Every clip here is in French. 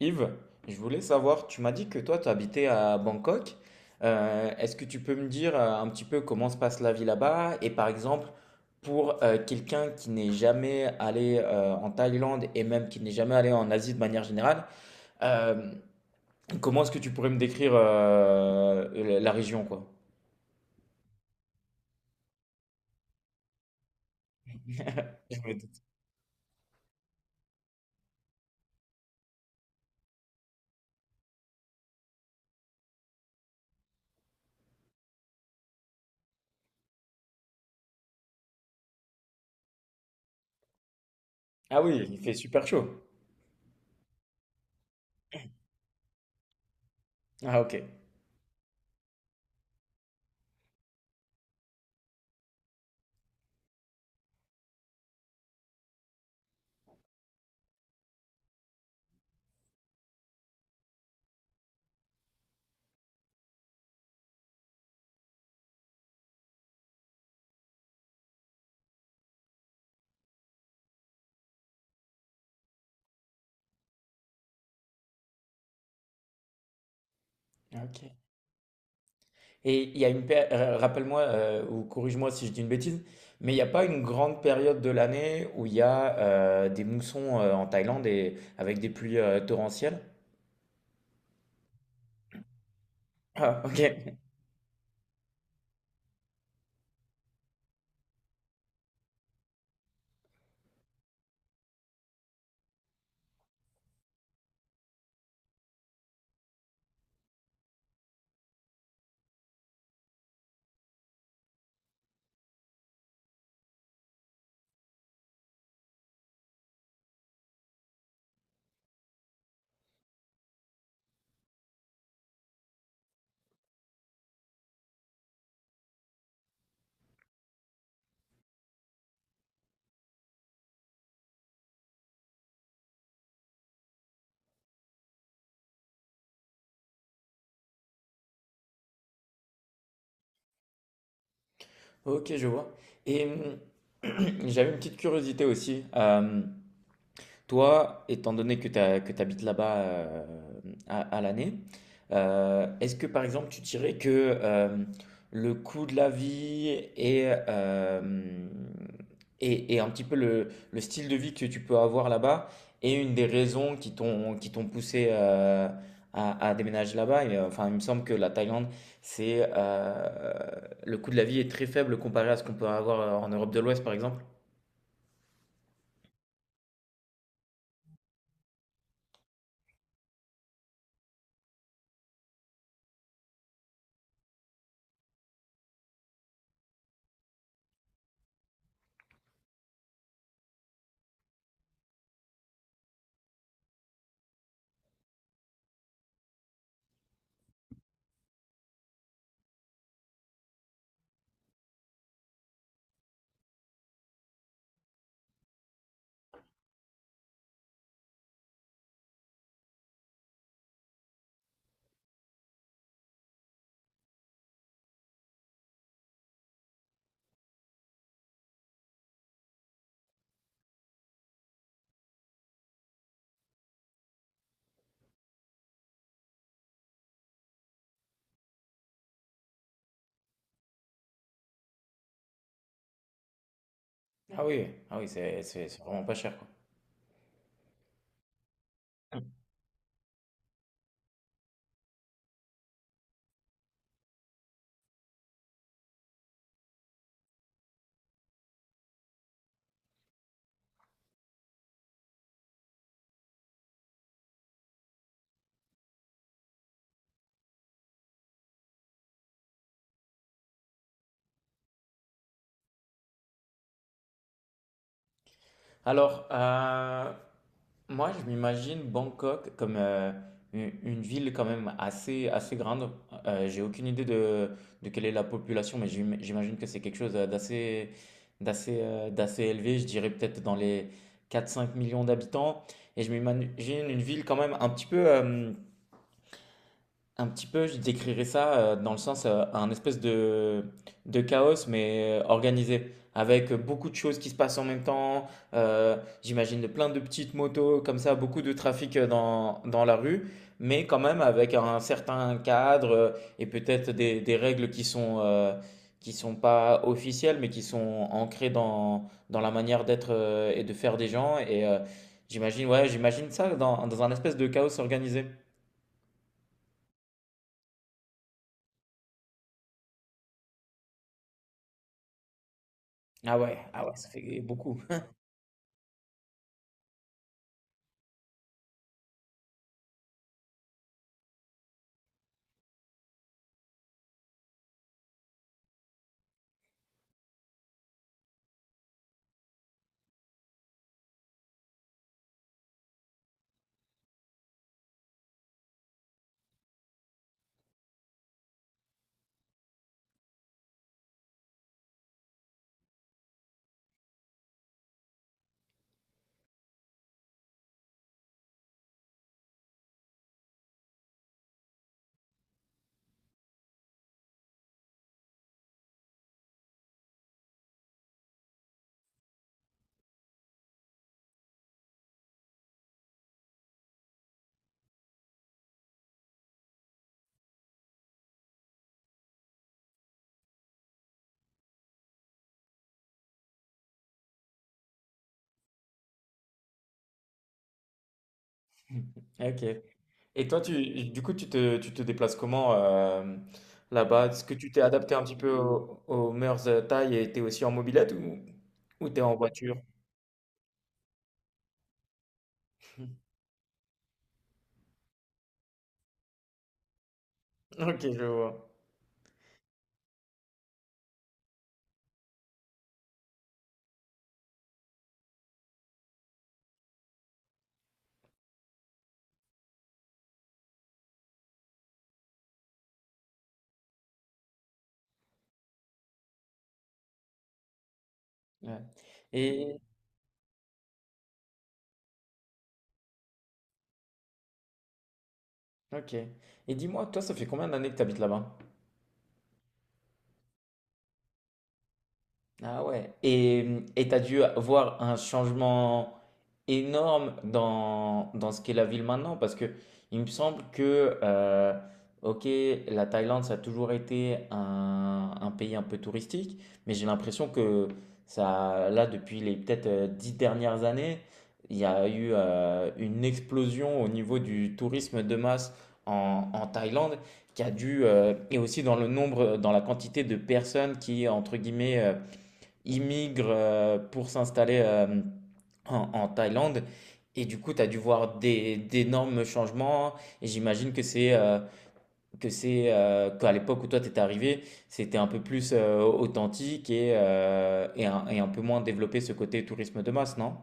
Yves, je voulais savoir, tu m'as dit que toi, tu habitais à Bangkok. Est-ce que tu peux me dire un petit peu comment se passe la vie là-bas? Et par exemple, pour quelqu'un qui n'est jamais allé en Thaïlande et même qui n'est jamais allé en Asie de manière générale, euh, comment est-ce que tu pourrais me décrire la région, quoi? Je me doute. Ah oui, il fait super chaud. Ah ok. Ok. Et il y a une péri- rappelle-moi ou corrige-moi si je dis une bêtise, mais il n'y a pas une grande période de l'année où il y a des moussons en Thaïlande et avec des pluies torrentielles? Ah, ok, ok, je vois. Et j'avais une petite curiosité aussi. Toi, étant donné que tu habites là-bas, à l'année, est-ce que par exemple tu dirais que euh, le coût de la vie et, euh, et un petit peu le style de vie que tu peux avoir là-bas est une des raisons qui t'ont poussé à déménager là-bas? Enfin, il me semble que la Thaïlande, c'est le coût de la vie est très faible comparé à ce qu'on peut avoir en Europe de l'Ouest, par exemple. Ah oui, ah oui, c'est vraiment pas cher, quoi. Alors, moi, je m'imagine Bangkok comme une ville quand même assez, assez grande. J'ai aucune idée de quelle est la population, mais j'imagine que c'est quelque chose d'assez, d'assez, d'assez élevé. Je dirais peut-être dans les 4 5 millions d'habitants. Et je m'imagine une ville quand même un petit peu, je décrirais ça dans le sens un espèce de chaos mais organisé, avec beaucoup de choses qui se passent en même temps. euh, J'imagine de plein de petites motos comme ça, beaucoup de trafic dans la rue, mais quand même avec un certain cadre, et peut-être des règles qui sont pas officielles, mais qui sont ancrées dans la manière d'être, et de faire des gens. J'imagine, ouais, j'imagine ça dans un espèce de chaos organisé. Ah ouais, ah ouais, ça fait beaucoup. Ok. Et toi, du coup, tu te déplaces comment, là-bas? Est-ce que tu t'es adapté un petit peu aux mœurs, thaï, et t'es aussi en mobilette ou t'es en voiture? Ok, je vois. Ouais. Et ok. Et dis-moi, toi, ça fait combien d'années que tu habites là-bas? Ah ouais. Et t'as dû voir un changement énorme dans ce qu'est la ville maintenant, parce que il me semble que ok, la Thaïlande ça a toujours été un pays un peu touristique, mais j'ai l'impression que ça là depuis les peut-être 10 dernières années, il y a eu une explosion au niveau du tourisme de masse en Thaïlande qui a dû, et aussi dans le nombre, dans la quantité de personnes qui entre guillemets ils pour s'installer en Thaïlande. Et du coup, tu as dû voir d'énormes changements. Et j'imagine que c'est qu'à l'époque où toi t'étais arrivé, c'était un peu plus authentique et un peu moins développé ce côté tourisme de masse, non?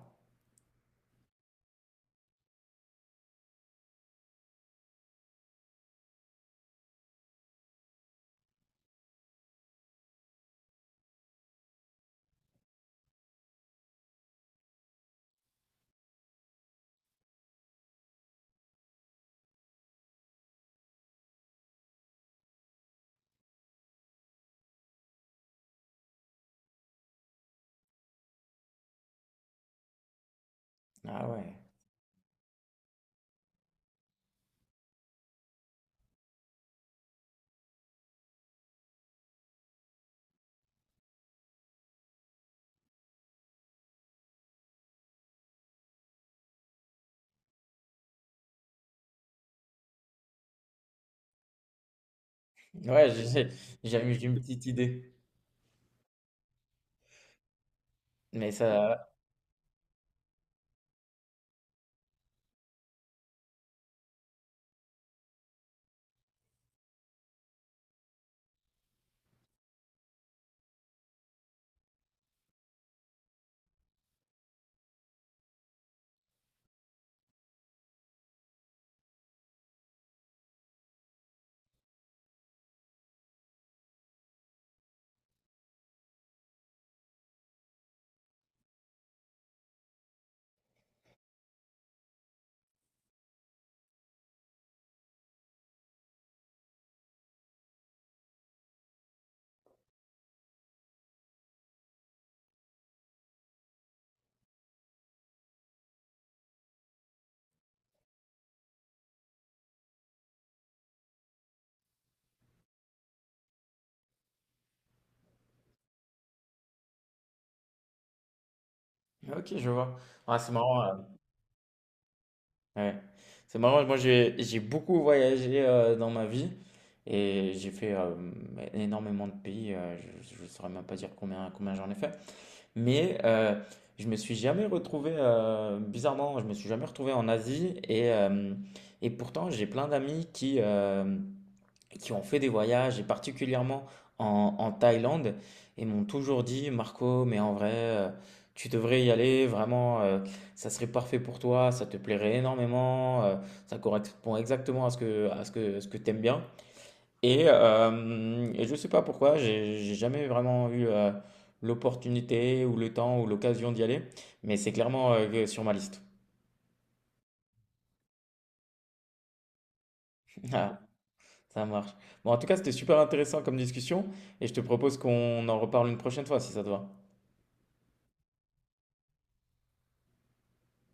Ah ouais. Ouais, j'ai une petite idée. Mais ça. Ok, je vois. Ah, c'est marrant. Ouais. C'est marrant, moi j'ai beaucoup voyagé dans ma vie et j'ai fait énormément de pays, je ne saurais même pas dire combien j'en ai fait, mais je me suis jamais retrouvé, bizarrement, je me suis jamais retrouvé en Asie et pourtant j'ai plein d'amis qui ont fait des voyages, et particulièrement en Thaïlande, et m'ont toujours dit, Marco, mais en vrai, tu devrais y aller, vraiment, ça serait parfait pour toi, ça te plairait énormément, ça correspond exactement ce que t'aimes bien. Et je sais pas pourquoi, j'ai jamais vraiment eu l'opportunité ou le temps ou l'occasion d'y aller, mais c'est clairement, sur ma liste. Ah, ça marche. Bon, en tout cas, c'était super intéressant comme discussion, et je te propose qu'on en reparle une prochaine fois, si ça te va.